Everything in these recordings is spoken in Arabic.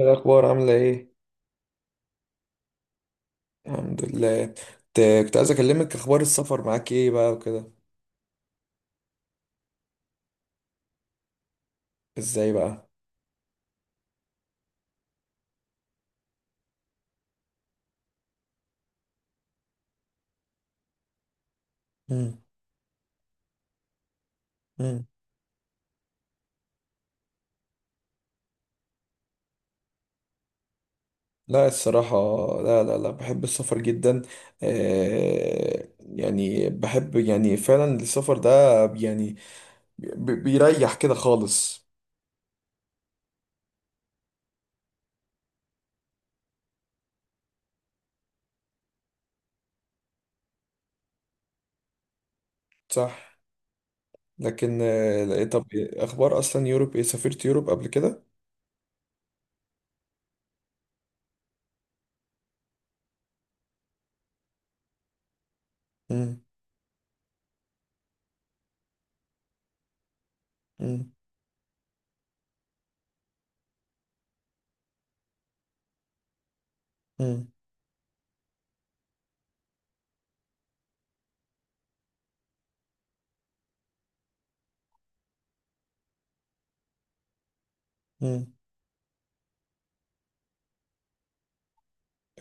إيه الأخبار عاملة إيه؟ الحمد لله. كنت عايز أكلمك أخبار السفر معاك إيه بقى وكده. إزاي بقى؟ مم. مم. لا، الصراحة، لا لا لا، بحب السفر جدا. آه، يعني بحب يعني فعلا السفر ده. يعني بيريح كده خالص. صح. لكن إيه، طب أخبار أصلا يوروب، إيه، سافرت يوروب قبل كده؟ مم. مم. مم. مم.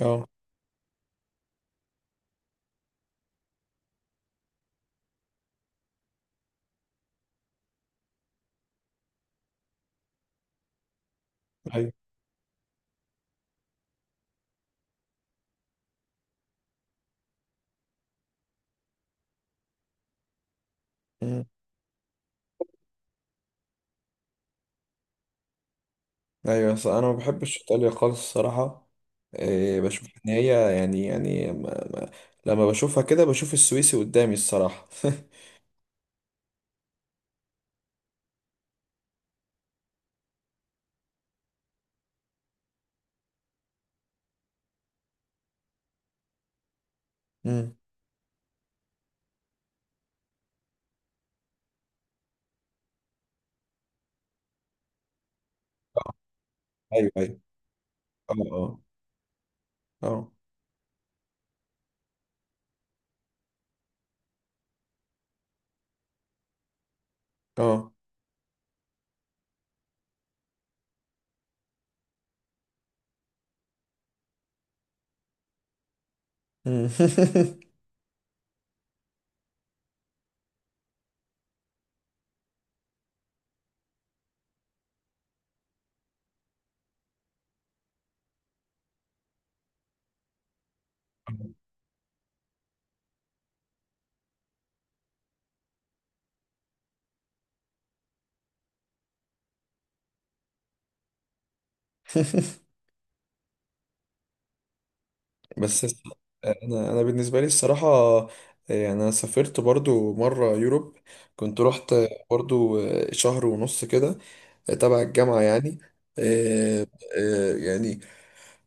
اه. ايوه، ايوه. بس انا ما بحبش ايطاليا خالص الصراحه. إيه، بشوف ان هي يعني ما ما لما بشوفها كده بشوف السويسي قدامي الصراحه. امم. ايوه، ايوه. اه. اه اه اه. أمم. بس انا بالنسبه لي الصراحه، إيه، يعني انا سافرت برضو مره يوروب. كنت رحت برضو شهر ونص كده تبع الجامعه يعني. آه، يعني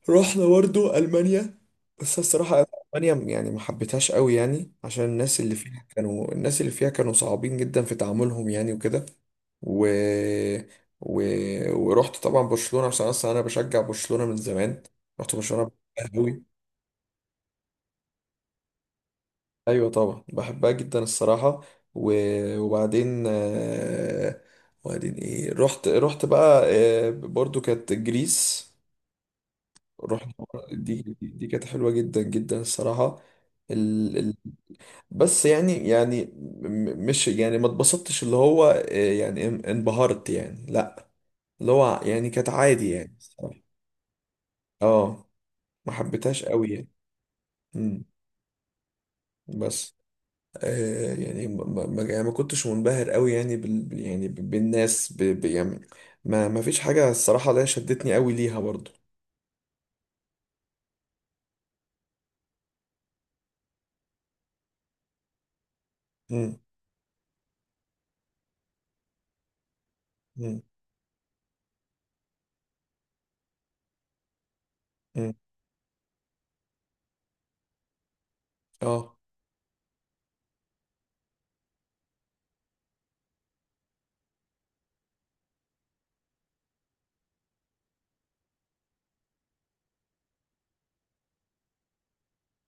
رحنا برضو ألمانيا. بس الصراحة ألمانيا يعني ما حبيتهاش قوي، يعني عشان الناس اللي فيها كانوا صعبين جدا في تعاملهم يعني وكده. و... و... ورحت طبعا برشلونة عشان أصلا أنا بشجع برشلونة من زمان. رحت برشلونة، بحبها قوي. أيوة طبعا بحبها جدا الصراحة. و... وبعدين آه، وبعدين إيه، رحت بقى، برضو كانت جريس. رحنا. دي كانت حلوة جدا جدا الصراحة. ال... ال... بس يعني مش، يعني ما اتبسطتش، اللي هو يعني انبهرت يعني، لا. اللي هو يعني كانت عادي يعني الصراحة. اه. ما حبيتهاش قوي يعني. مم. بس يعني يعني ما كنتش منبهر قوي يعني يعني بالناس يعني. ما فيش حاجة الصراحة اللي هي شدتني قوي ليها برضو. مم. مم. مم. اه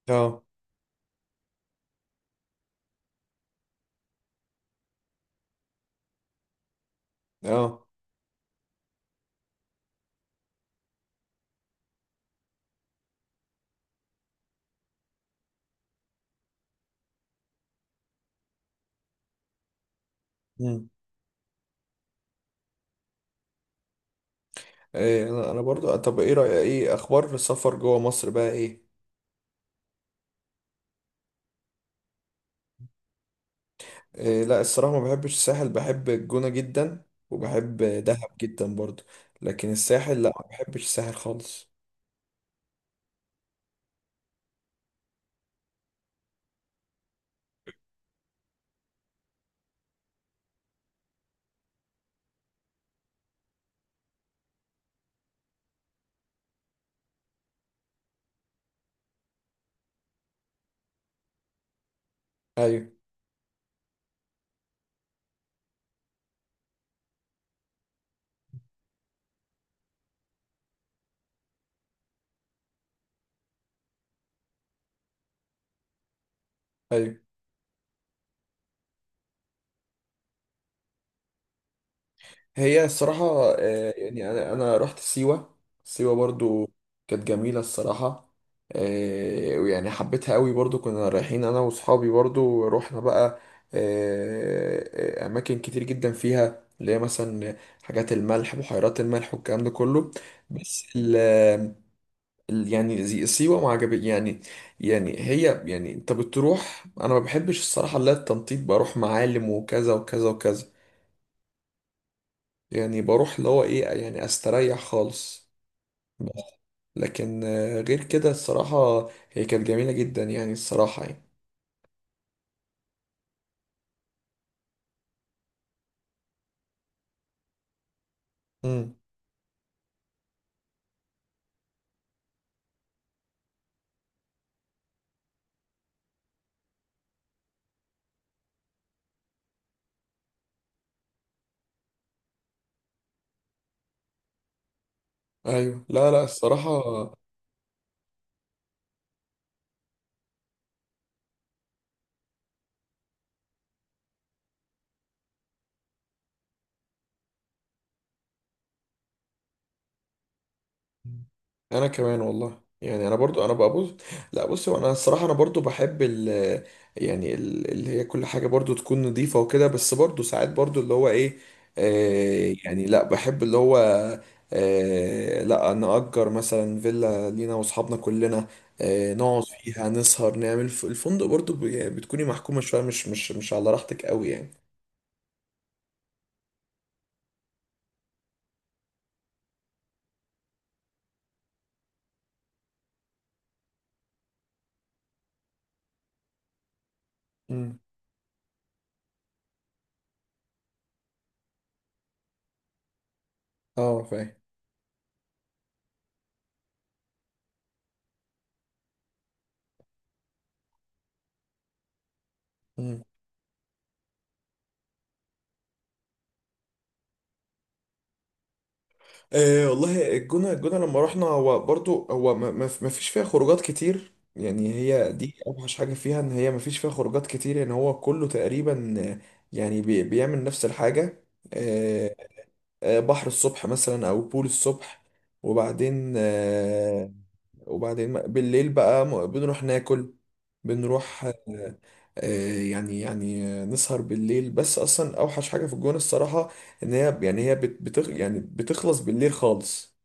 اه اه. مم. إيه، انا برضو، طب ايه رأيك، ايه اخبار السفر جوه مصر بقى ايه؟ إيه لا، الصراحة ما بحبش الساحل. بحب الجونة جدا، وبحب دهب جدا برضو. لكن الساحل لا، ما بحبش الساحل خالص. ايوه، ايوه. هي الصراحة يعني أنا رحت سيوة. سيوة برضو كانت جميلة الصراحة. ويعني حبيتها قوي برضو. كنا رايحين أنا وصحابي، برضو رحنا بقى أماكن كتير جدا فيها، اللي هي مثلا حاجات الملح، بحيرات الملح والكلام ده كله. بس يعني سيوة ما عجبتني يعني. يعني هي يعني، أنت بتروح، أنا ما بحبش الصراحة اللي هي التنطيط، بروح معالم وكذا وكذا وكذا. يعني بروح اللي هو ايه، يعني استريح خالص. بس لكن غير كده الصراحة هي كانت جميلة جدا يعني الصراحة يعني. امم. ايوه، لا لا الصراحة. انا كمان والله، يعني انا برضو انا بقى بص. لا، بص هو انا الصراحه، انا برضو بحب يعني اللي هي كل حاجه برضو تكون نظيفه وكده، بس برضو ساعات برضو اللي هو ايه، يعني لا، بحب اللي هو لا، نأجر مثلا فيلا لينا واصحابنا كلنا، نقعد فيها، نسهر، نعمل الفندق برضو يعني بتكوني محكومه شويه، مش على راحتك قوي يعني. امم. اه، فاهم. أه والله الجونة لما رحنا، هو برضو هو ما فيش فيها خروجات كتير يعني. هي دي أوحش حاجة فيها، إن هي ما فيش فيها خروجات كتير يعني. هو كله تقريبا يعني بيعمل نفس الحاجة. أه. بحر الصبح مثلا أو بول الصبح، وبعدين وبعدين بالليل بقى بنروح ناكل، بنروح يعني نسهر بالليل. بس أصلا أوحش حاجة في الجونة الصراحة ان هي، يعني هي بت- بتخ يعني بتخلص بالليل خالص.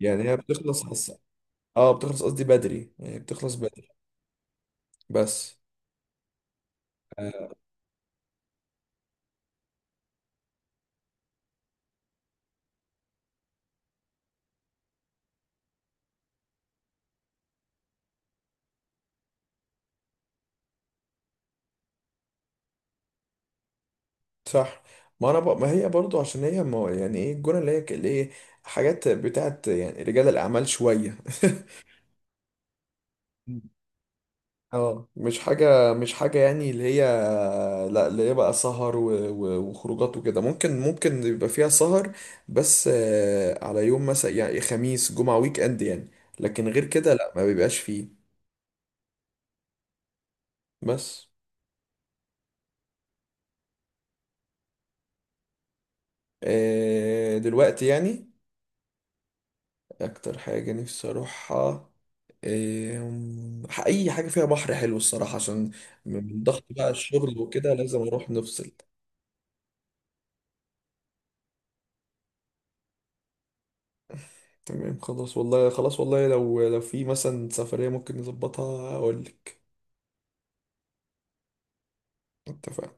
يعني هي بتخلص اه، بتخلص قصدي بدري، يعني بتخلص بدري. بس صح. ما انا ما هي برضو عشان هي ما، يعني ايه الجونه اللي هي اللي هي حاجات بتاعت يعني رجال الاعمال شويه. اه، مش حاجه مش حاجه يعني اللي هي، لا، اللي هي بقى سهر وخروجات وكده. ممكن يبقى فيها سهر، بس على يوم مثلا يعني خميس، جمعه، ويك اند يعني. لكن غير كده لا، ما بيبقاش فيه. بس دلوقتي يعني اكتر حاجة نفسي اروحها، اي حاجة فيها بحر حلو الصراحة، عشان من ضغط بقى الشغل وكده لازم اروح نفصل. تمام، خلاص والله، خلاص والله لو في مثلا سفرية ممكن نظبطها اقول لك. اتفقنا.